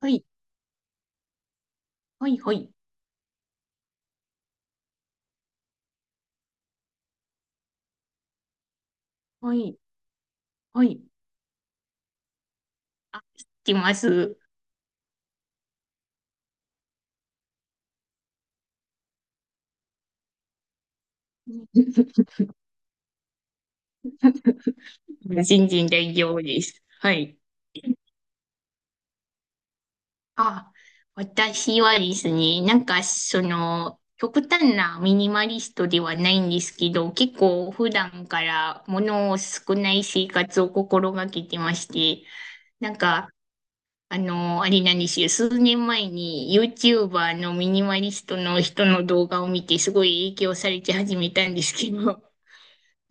はい、はい、はい、はい、はい、来ます。新人大丈夫です。はい。あ、私はですね、なんかその、極端なミニマリストではないんですけど、結構普段から物を少ない生活を心がけてまして、なんか、あの、あれなんですよ、数年前に YouTuber のミニマリストの人の動画を見て、すごい影響されて始めたんですけど、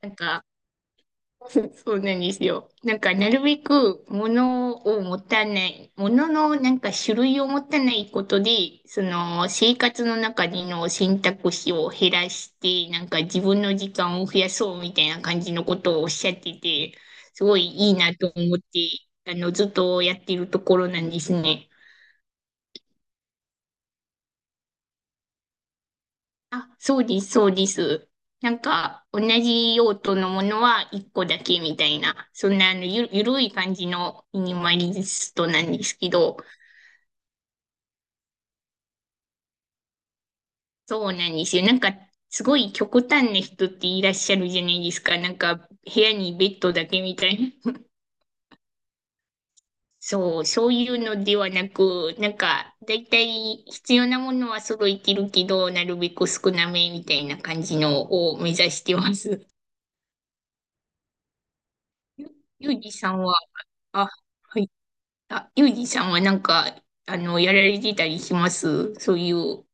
なんか、そうなんですよ。なんか、なるべく物を持たない、物のなんか種類を持たないことで、その生活の中での選択肢を減らして、なんか自分の時間を増やそうみたいな感じのことをおっしゃってて、すごいいいなと思って、あの、ずっとやってるところなんですね。あ、そうです、そうです。なんか、同じ用途のものは1個だけみたいな、そんなあのゆるい感じのミニマリストなんですけど、そうなんですよ。なんか、すごい極端な人っていらっしゃるじゃないですか。なんか、部屋にベッドだけみたいな。そういうのではなく、なんか、だいたい必要なものは揃えてるけど、なるべく少なめみたいな感じのを目指してます。ゆ、ゆうじさんは、あ、はい。あ、ゆうじさんはなんか、あの、やられてたりします、そういう？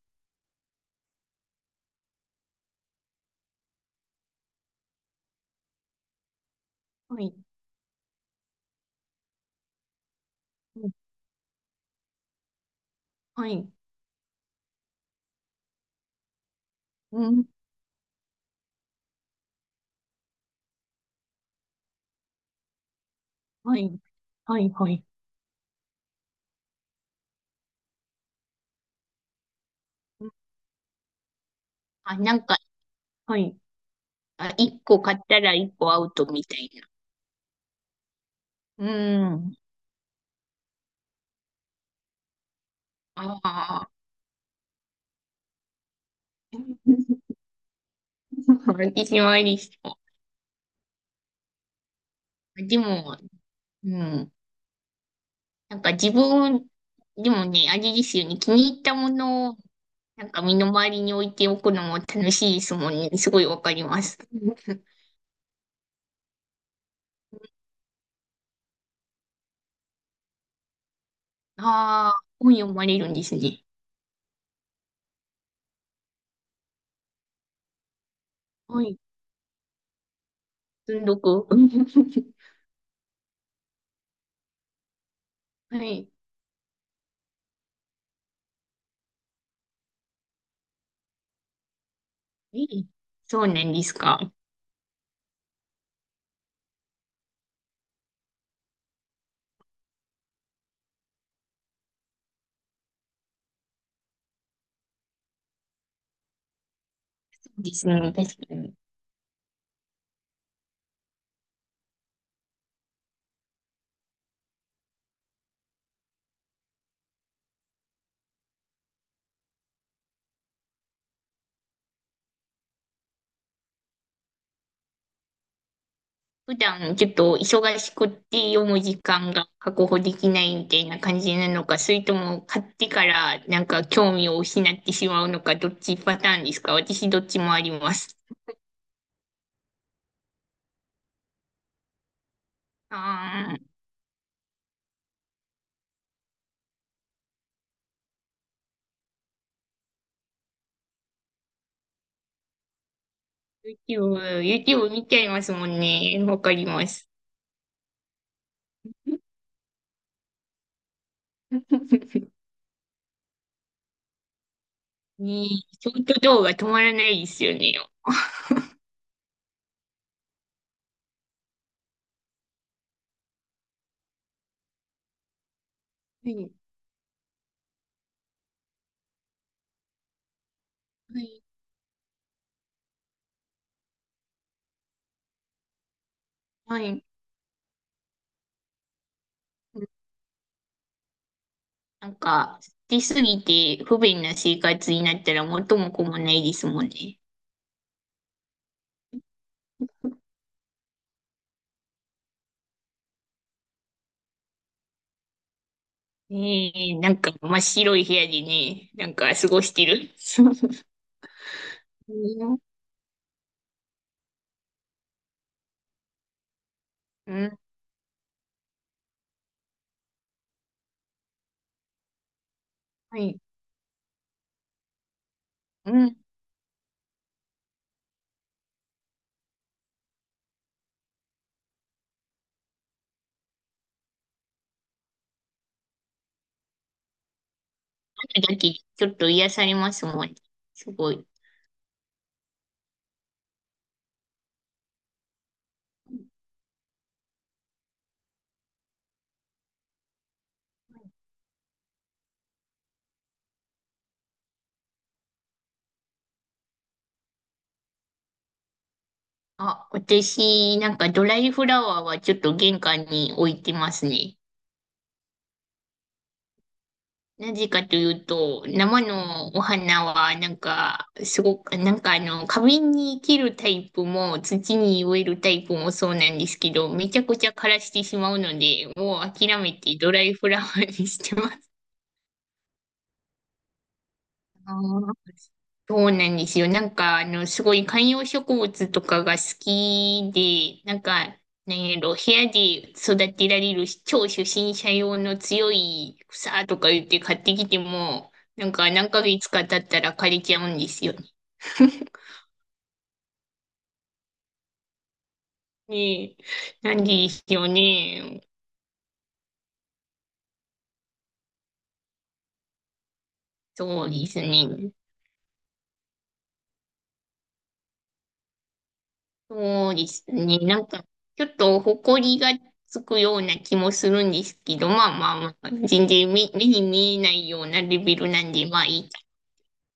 はい。うん、はい。うん。はい。はい。はい。うん。あ、なんか、はい。あ、一個買ったら一個アウトみたいな。うん。ああ、私もありそう。でも、うん。なんか自分、でもね、あれですよね。気に入ったものを、なんか身の回りに置いておくのも楽しいですもんね。すごいわかります。ああ、本読まれるんですね。はい。積んどく。うん。 はい。ええ、そうなんですか？そうですね。確かに。普段ちょっと忙しくって読む時間が確保できないみたいな感じなのか、それとも買ってからなんか興味を失ってしまうのか、どっちパターンですか？私どっちもあります。ああ、YouTube、YouTube 見ちゃいますもんね。わかります。ねえ、ショート動画止まらないですよね。はい、はい。はい。なんか、捨てすぎて不便な生活になったら元も子もないですもんね。ええ、なんか真っ白い部屋でね、なんか過ごしてる。うん、うん、はい。うん、あるだけちょっと癒されますもんね。すごい。あ、私、なんかドライフラワーはちょっと玄関に置いてますね。なぜかというと、生のお花は、なんか、すごく、なんかあの、花瓶に生けるタイプも、土に植えるタイプもそうなんですけど、めちゃくちゃ枯らしてしまうので、もう諦めてドライフラワーにしてます。あー、そうなんですよね。なんか、あの、すごい観葉植物とかが好きで、なんか、なんやろ、部屋で育てられる超初心者用の強い草とか言って買ってきても、なんか何ヶ月か経ったら枯れちゃうんですよね。ねえ、なんでしょうね。そうですね。そうですね。なんか、ちょっと埃がつくような気もするんですけど、まあまあまあ、全然目に見えないようなレベルなんで、まあい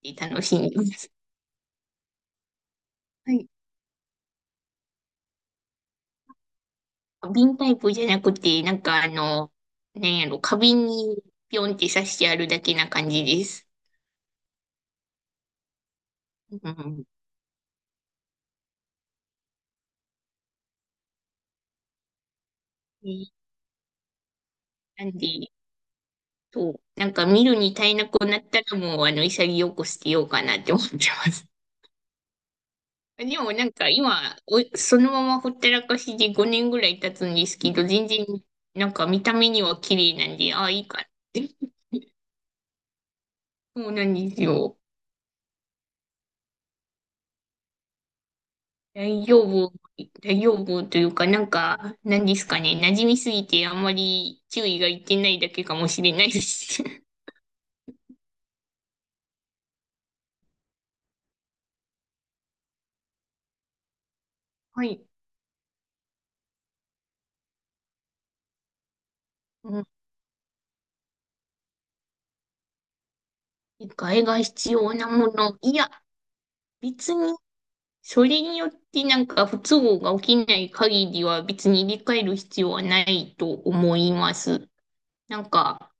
いかって楽しんでます。はい。瓶タイプじゃなくて、なんかあの、なんやろ、花瓶にピョンって刺してあるだけな感じです。うん。ね。なんで、そう、なんか見るに耐えなくなったらもう、あの、潔く捨てようかなって思ってます。でもなんか今、おそのままほったらかしで5年ぐらい経つんですけど、全然なんか見た目には綺麗なんで、ああ、いいかって。そうなんですよ。大丈夫、大丈夫というか、なんか、なんですかね、馴染みすぎてあんまり注意がいってないだけかもしれないです。はい。うん。替えが必要なもの。いや、別に、それによってなんか不都合が起きない限りは別に入れ替える必要はないと思います。なんか、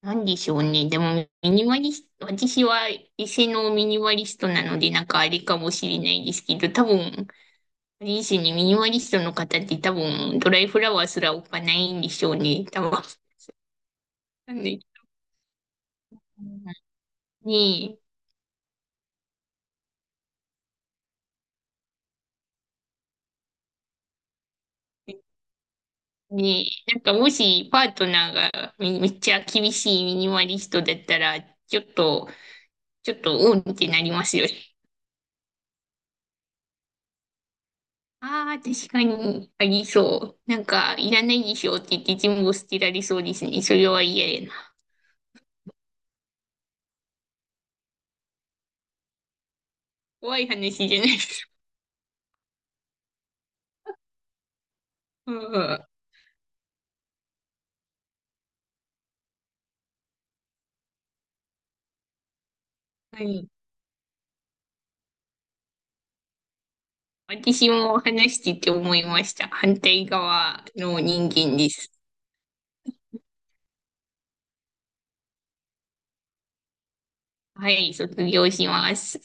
なんでしょうね。でも、ミニマリスト、私は異性のミニマリストなので、なんかあれかもしれないですけど、多分、あれですね、ミニマリストの方って多分、ドライフラワーすら置かないんでしょうね。多分。なんで、ねえ、ねえ、なんかもしパートナーがめっちゃ厳しいミニマリストだったら、ちょっと、ちょっと、うんってなりますよね。ああ、確かに、ありそう。なんか、いらないでしょって言って全部捨てられそうですね。それは嫌やな。怖い話じゃないです。うん、はい。私も話してて思いました。反対側の人間です。はい、卒業します。